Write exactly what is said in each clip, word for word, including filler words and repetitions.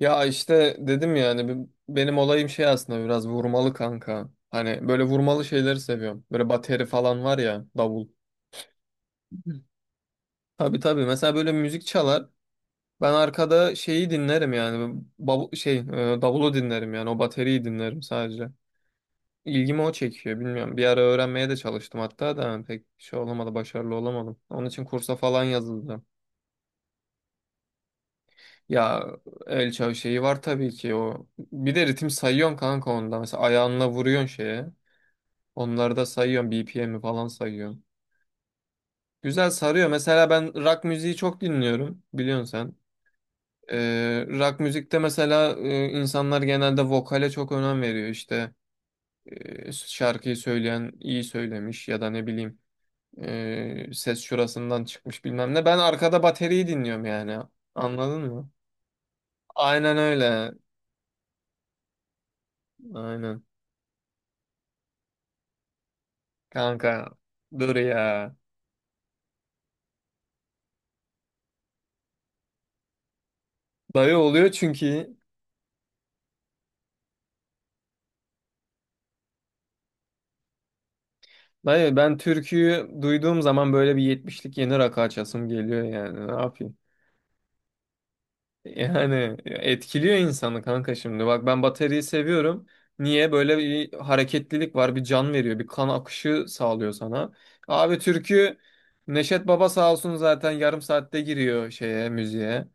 Ya işte dedim yani be- benim olayım şey aslında biraz vurmalı kanka. Hani böyle vurmalı şeyleri seviyorum. Böyle bateri falan var ya davul. Tabii tabii mesela böyle müzik çalar. Ben arkada şeyi dinlerim yani bavu- şey e, davulu dinlerim yani o bateriyi dinlerim sadece. İlgimi o çekiyor bilmiyorum. Bir ara öğrenmeye de çalıştım hatta da pek şey olamadı başarılı olamadım. Onun için kursa falan yazıldım. Ya el çağı şeyi var tabii ki o. Bir de ritim sayıyorsun kanka onda. Mesela ayağınla vuruyorsun şeye. Onları da sayıyorum. B P M'i falan sayıyorum. Güzel sarıyor. Mesela ben rock müziği çok dinliyorum. Biliyorsun sen. Ee, rock müzikte mesela e, insanlar genelde vokale çok önem veriyor. İşte e, şarkıyı söyleyen iyi söylemiş ya da ne bileyim e, ses şurasından çıkmış bilmem ne. Ben arkada bateriyi dinliyorum yani. Anladın mı? Aynen öyle. Aynen. Kanka dur ya. Dayı oluyor çünkü. Dayı ben türküyü duyduğum zaman böyle bir yetmişlik yeni rakı açasım geliyor yani. Ne yapayım? Yani etkiliyor insanı kanka şimdi. Bak ben bataryayı seviyorum. Niye? Böyle bir hareketlilik var, bir can veriyor, bir kan akışı sağlıyor sana. Abi türkü Neşet Baba sağ olsun zaten yarım saatte giriyor şeye, müziğe.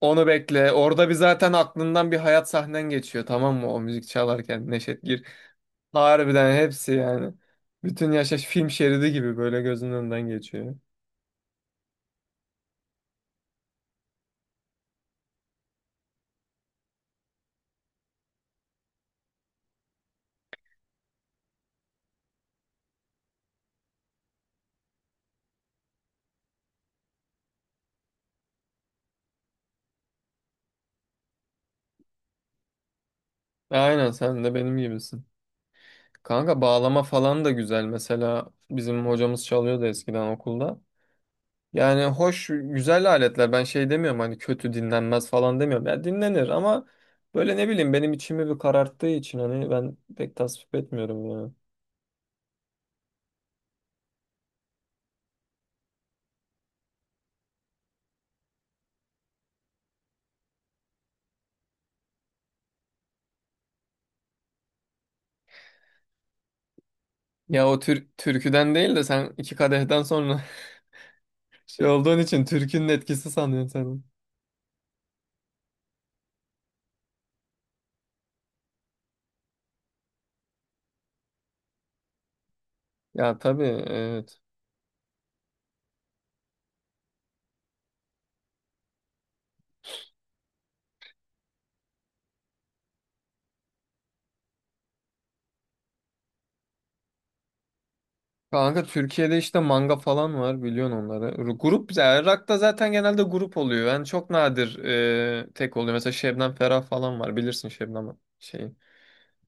Onu bekle. Orada bir zaten aklından bir hayat sahnen geçiyor, tamam mı? O müzik çalarken Neşet gir. Harbiden hepsi yani. Bütün yaşaş film şeridi gibi böyle gözünün önünden geçiyor. Aynen sen de benim gibisin. Kanka bağlama falan da güzel. Mesela bizim hocamız çalıyordu eskiden okulda. Yani hoş, güzel aletler. Ben şey demiyorum, hani kötü dinlenmez falan demiyorum. Ya dinlenir ama böyle ne bileyim benim içimi bir kararttığı için hani ben pek tasvip etmiyorum ya. Ya o tür türküden değil de sen iki kadehten sonra şey olduğun için türkünün etkisi sanıyorsun sen. Ya tabii, evet. Kanka Türkiye'de işte manga falan var, biliyorsun onları. Grup yani rock'ta zaten genelde grup oluyor. Yani çok nadir e, tek oluyor. Mesela Şebnem Ferah falan var, bilirsin Şebnem şeyi.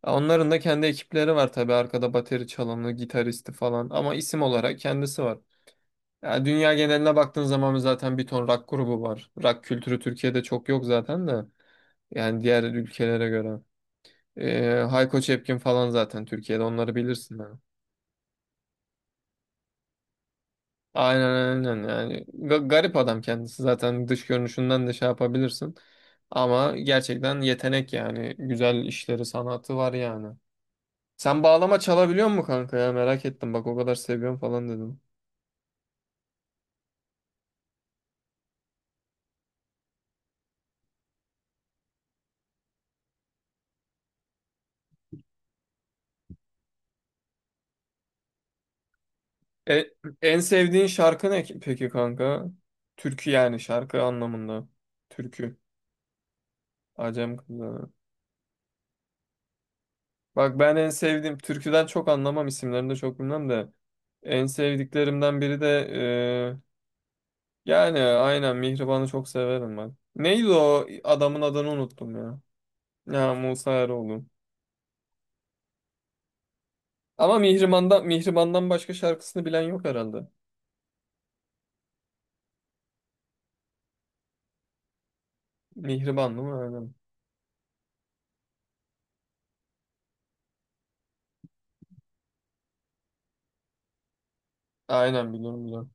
Onların da kendi ekipleri var tabii, arkada bateri çalanı, gitaristi falan, ama isim olarak kendisi var. Yani dünya geneline baktığın zaman zaten bir ton rock grubu var. Rock kültürü Türkiye'de çok yok zaten de. Yani diğer ülkelere göre. E, Hayko Cepkin falan zaten Türkiye'de onları bilirsin yani. Aynen, aynen, yani Ga- garip adam kendisi, zaten dış görünüşünden de şey yapabilirsin ama gerçekten yetenek yani, güzel işleri, sanatı var yani. Sen bağlama çalabiliyor musun kanka, ya merak ettim bak, o kadar seviyorum falan dedim. E, En sevdiğin şarkı ne ki- peki kanka? Türkü yani, şarkı anlamında. Türkü. Acem kızı. Bak ben en sevdiğim türküden çok anlamam, isimlerini de çok bilmem de en sevdiklerimden biri de. Yani aynen Mihriban'ı çok severim ben. Neydi o adamın adını unuttum ya. Ya Musa Eroğlu. Ama Mihriban'dan, Mihriban'dan başka şarkısını bilen yok herhalde. Mihriban, değil mi? Aynen. Aynen, biliyorum biliyorum.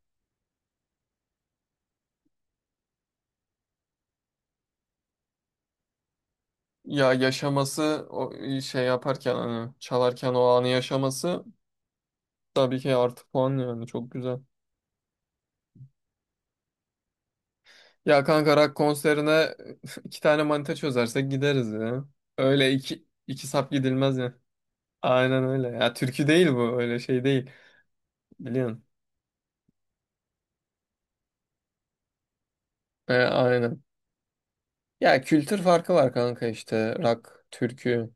Ya yaşaması o e, şey yaparken, hani çalarken o anı yaşaması tabii ki artı puan yani, çok güzel. Ya kanka rock konserine iki tane manita çözersek gideriz ya. Öyle iki, iki sap gidilmez ya. Aynen öyle. Ya türkü değil bu, öyle şey değil. Biliyorsun. E, aynen. Ya kültür farkı var kanka, işte rock, türkü.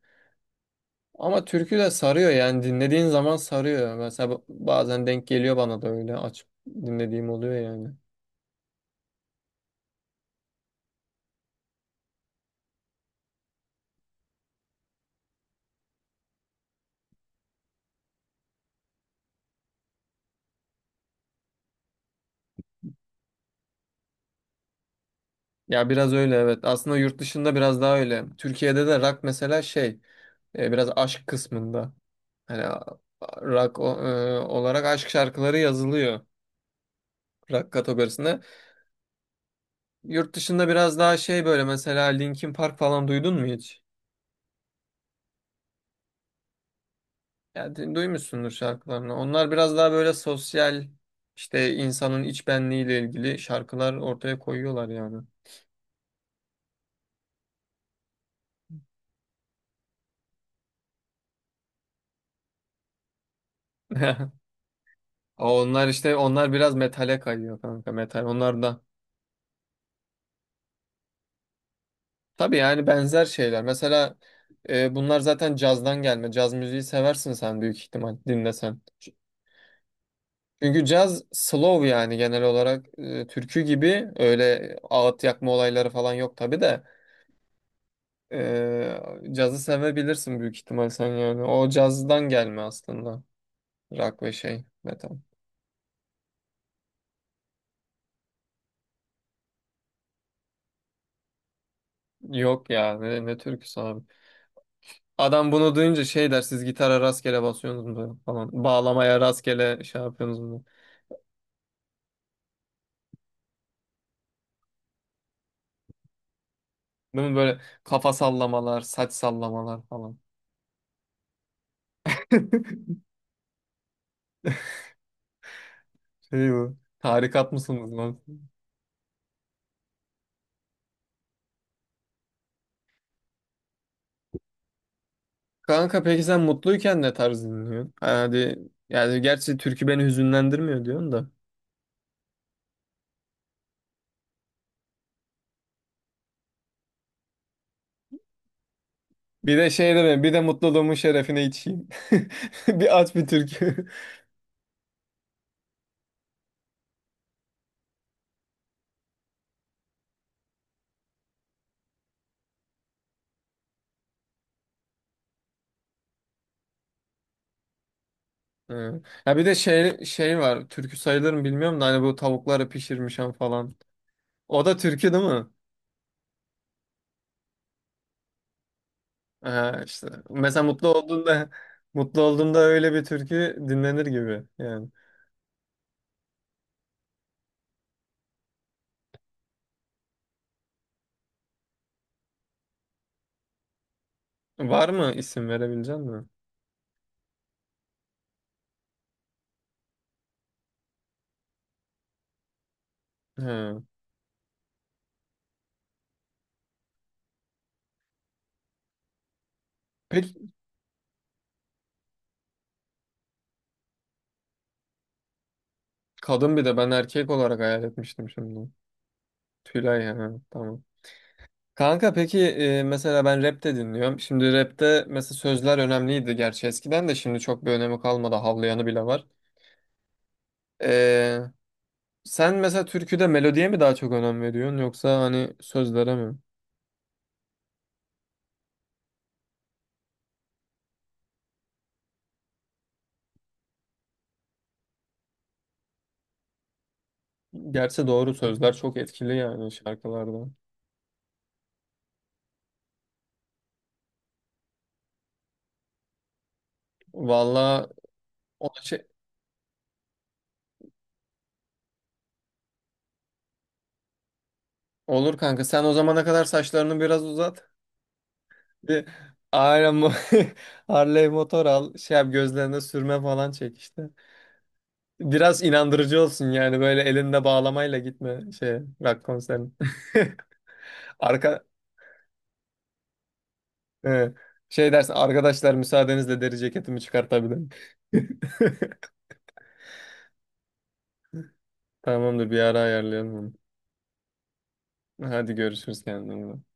Ama türkü de sarıyor yani, dinlediğin zaman sarıyor. Mesela ba- bazen denk geliyor bana da, öyle açıp dinlediğim oluyor yani. Ya biraz öyle, evet. Aslında yurt dışında biraz daha öyle. Türkiye'de de rock mesela şey e, biraz aşk kısmında. Hani a- rock o- e, olarak aşk şarkıları yazılıyor rock kategorisinde. Yurt dışında biraz daha şey böyle, mesela Linkin Park falan duydun mu hiç? Ya du- duymuşsundur şarkılarını. Onlar biraz daha böyle sosyal, işte insanın iç benliğiyle ilgili şarkılar ortaya koyuyorlar yani. Ama Onlar işte onlar biraz metale kayıyor kanka, metal. Onlar da tabii, yani benzer şeyler. Mesela e, bunlar zaten cazdan gelme. Caz müziği seversin sen büyük ihtimal dinlesen. Çünkü caz slow yani, genel olarak e, türkü gibi öyle ağıt yakma olayları falan yok tabii de. Ee, Cazı sevebilirsin büyük ihtimal sen yani. O cazdan gelme aslında. Rock ve şey metal. Yok ya, ne, ne türküsü abi. Adam bunu duyunca şey der, siz gitara rastgele basıyorsunuz mu böyle falan. Bağlamaya rastgele şey yapıyorsunuz mu? Değil mi, böyle kafa sallamalar, saç sallamalar falan. Şey bu. Tarikat mısınız lan? Kanka peki sen mutluyken ne tarz dinliyorsun? Hadi, yani gerçi türkü beni hüzünlendirmiyor diyorsun da. Bir de şey dedim, bir de mutluluğumun şerefine içeyim. Bir aç bir türkü. Hı. Ya bir de şey şey var. Türkü sayılır mı bilmiyorum da, hani bu tavukları pişirmişim falan. O da türkü değil mi? Ha, işte. Mesela mutlu olduğunda mutlu olduğunda öyle bir türkü dinlenir gibi yani. Var mı, isim verebilecek misin? Hı. Peki kadın, bir de ben erkek olarak hayal etmiştim şimdi. Tülay, ha, tamam. Kanka peki e, mesela ben rap de dinliyorum. Şimdi rapte mesela sözler önemliydi, gerçi eskiden, de şimdi çok bir önemi kalmadı. Havlayanı bile var. E, Sen mesela türküde melodiye mi daha çok önem veriyorsun, yoksa hani sözlere mi? Gerçi doğru, sözler çok etkili yani şarkılarda. Valla o şey, olur kanka, sen o zamana kadar saçlarını biraz uzat. Bir Aynen, bu Harley motor al, şey yap, gözlerine sürme falan çek işte. Biraz inandırıcı olsun yani, böyle elinde bağlamayla gitme şey rock konserine. Arka e, Şey dersin, arkadaşlar müsaadenizle deri ceketimi çıkartabilirim. Tamamdır, bir ara ayarlayalım onu. Hadi görüşürüz, kendine iyi bak.